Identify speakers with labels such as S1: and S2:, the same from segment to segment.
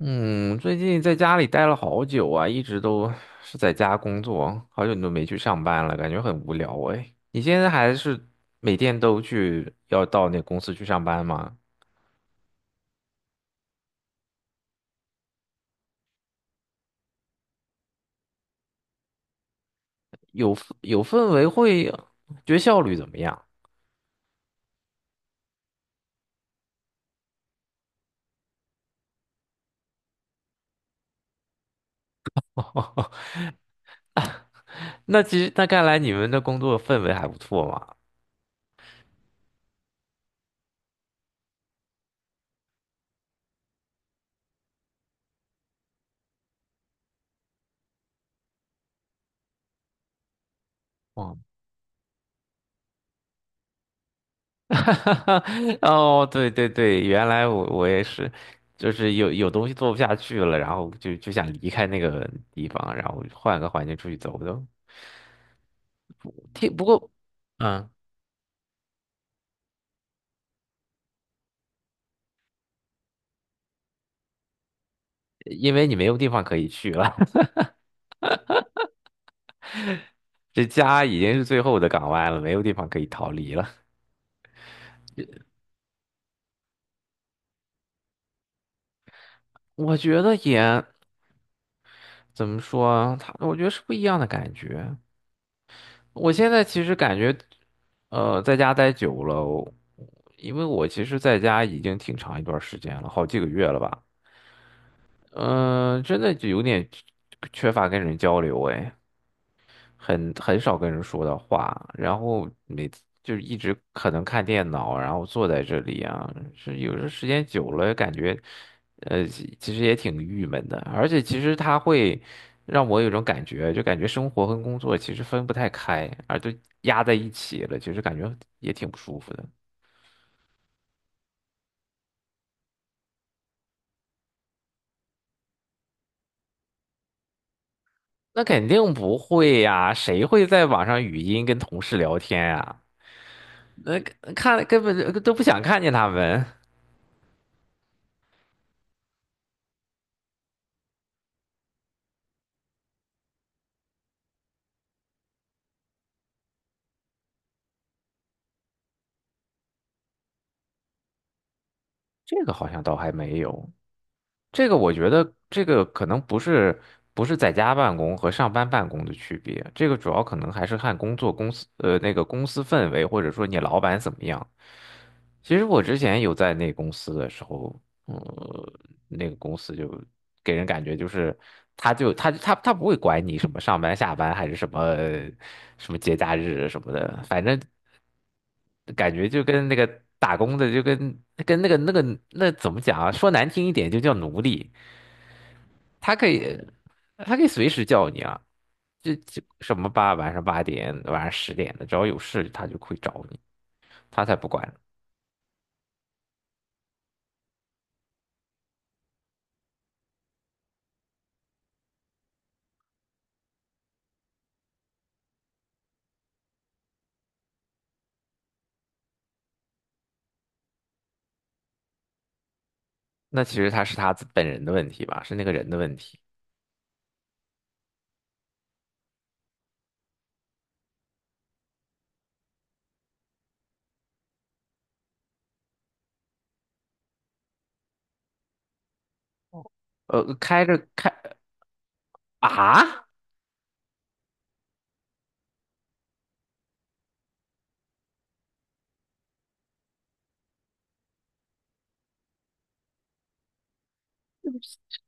S1: 嗯，最近在家里待了好久啊，一直都是在家工作，好久都没去上班了，感觉很无聊哎。你现在还是每天都去，要到那公司去上班吗？有有氛围会，觉得效率怎么样？那其实那看来你们的工作氛围还不错嘛。哦，哦，对对对，原来我也是，就是有东西做不下去了，然后就想离开那个地方，然后换个环境出去走走。听，不过嗯，因为你没有地方可以去了，这家已经是最后的港湾了，没有地方可以逃离了。我觉得也怎么说，他我觉得是不一样的感觉。我现在其实感觉，在家待久了，因为我其实在家已经挺长一段时间了，好几个月了吧。嗯，真的就有点缺乏跟人交流哎。很少跟人说的话，然后每次就是一直可能看电脑，然后坐在这里啊，是有时候时间久了感觉，其实也挺郁闷的，而且其实它会让我有种感觉，就感觉生活跟工作其实分不太开，而都压在一起了，其实感觉也挺不舒服的。那肯定不会呀，谁会在网上语音跟同事聊天呀？那看根本就都不想看见他们，这个好像倒还没有。这个我觉得，这个可能不是在家办公和上班办公的区别，这个主要可能还是看工作公司那个公司氛围，或者说你老板怎么样。其实我之前有在那公司的时候，呃，那个公司就给人感觉就是他就他他他不会管你什么上班下班还是什么什么节假日什么的，反正感觉就跟那个打工的就跟那怎么讲啊？说难听一点就叫奴隶。他可以，他可以随时叫你啊，这什么晚上8点、晚上10点的，只要有事他就会找你，他才不管。那其实他是他自本人的问题吧，是那个人的问题。开着开啊，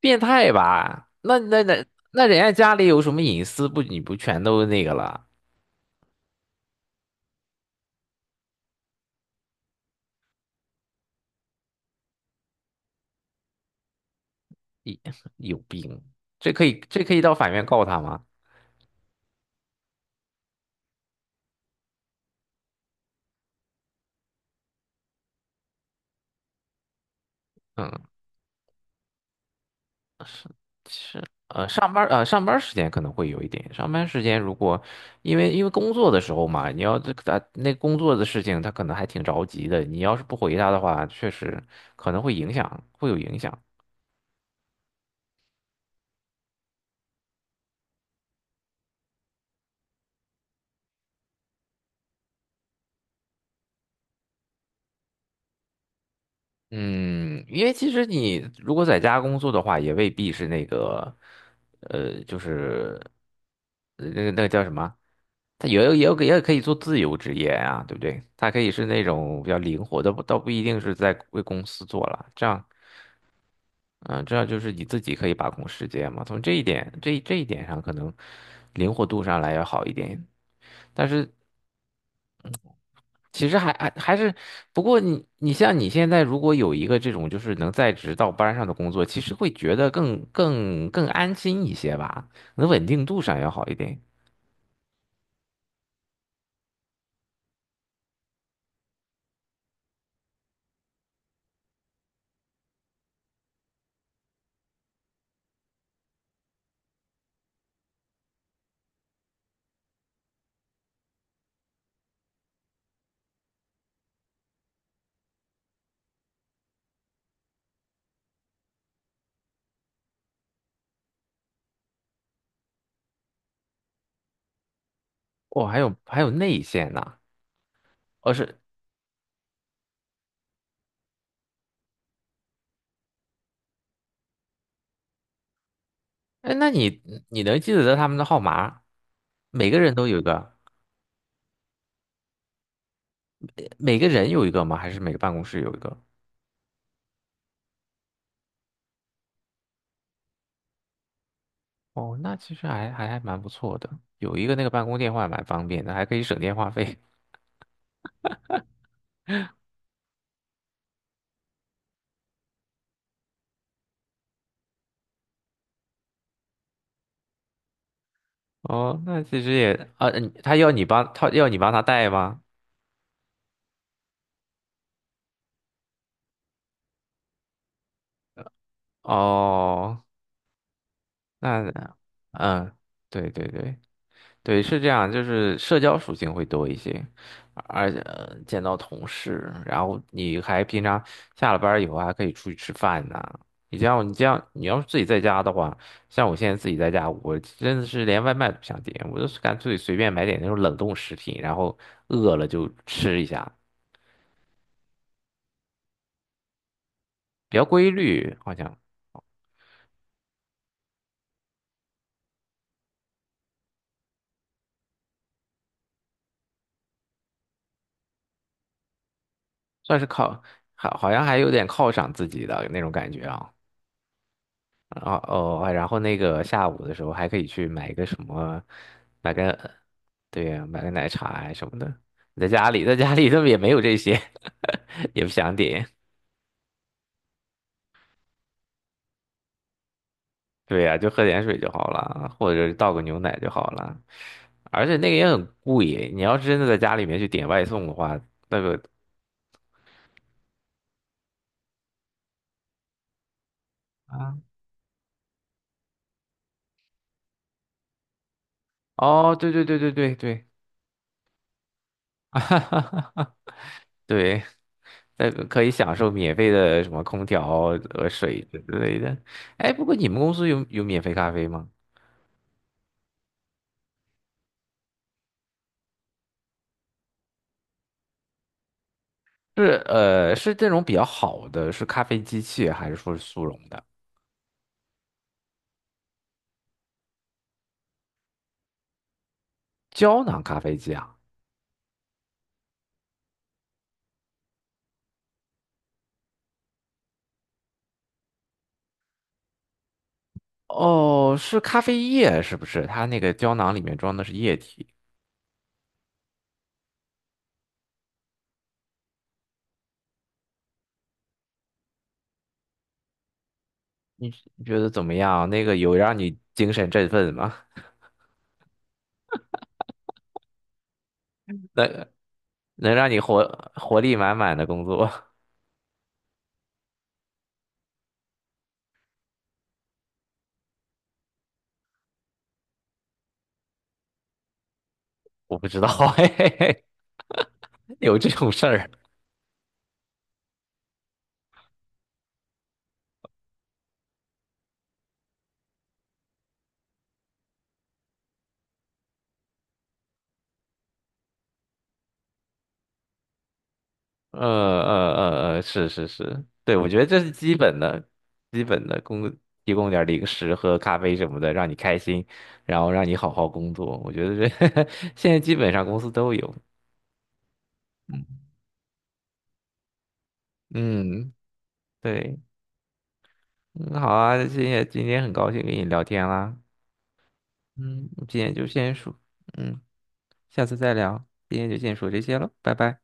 S1: 变态吧？那人家家里有什么隐私不？你不全都那个了？有有病，这可以到法院告他吗？嗯，是，是，上班时间可能会有一点。上班时间如果因为工作的时候嘛，你要这个啊那工作的事情，他可能还挺着急的。你要是不回他的话，确实可能会影响，会有影响。嗯，因为其实你如果在家工作的话，也未必是那个，就是那个叫什么？他也可以做自由职业啊，对不对？他可以是那种比较灵活的，不一定是在为公司做了，这样。嗯，这样就是你自己可以把控时间嘛。从这一点，这一点上，可能灵活度上来要好一点。但是其实还还还是，不过你像你现在如果有一个这种就是能在职到班上的工作，其实会觉得更安心一些吧，可能稳定度上要好一点。哦，还有内线呢，哦是，哎，那你能记得他们的号码？每个人都有一个，每个人有一个吗？还是每个办公室有一个？哦，那其实还蛮不错的，有一个那个办公电话蛮方便的，还可以省电话费。哦，那其实也啊，他要你帮他带吗？哦，那嗯，对对对，对，是这样，就是社交属性会多一些，而且见到同事，然后你还平常下了班儿以后还可以出去吃饭呐，你这样，你要是自己在家的话，像我现在自己在家，我真的是连外卖都不想点，我就是干脆随便买点那种冷冻食品，然后饿了就吃一下，比较规律，好像算是靠，好像还有点犒赏自己的那种感觉啊。啊哦，哎然后那个下午的时候还可以去买个什么，买个，对呀，买个奶茶呀什么的。在家里他们也没有这些，也不想点。对呀，就喝点水就好了，或者倒个牛奶就好了。而且那个也很贵，你要是真的在家里面去点外送的话，那个，啊，哦，对对对对对对，对。那个可以享受免费的什么空调和水之类的。哎，不过你们公司有免费咖啡吗？是这种比较好的，是咖啡机器还是说是速溶的胶囊咖啡机啊？哦，是咖啡液是不是？它那个胶囊里面装的是液体，你你觉得怎么样？那个有让你精神振奋吗？能能让你活力满满的工作？我不知道，嘿嘿嘿，有这种事儿是是是，对，我觉得这是基本的，提供点儿零食喝咖啡什么的，让你开心，然后让你好好工作。我觉得这 现在基本上公司都有。嗯嗯，对，嗯，好啊，今天很高兴跟你聊天啦。嗯，今天就先说，嗯，下次再聊，今天就先说这些了，拜拜。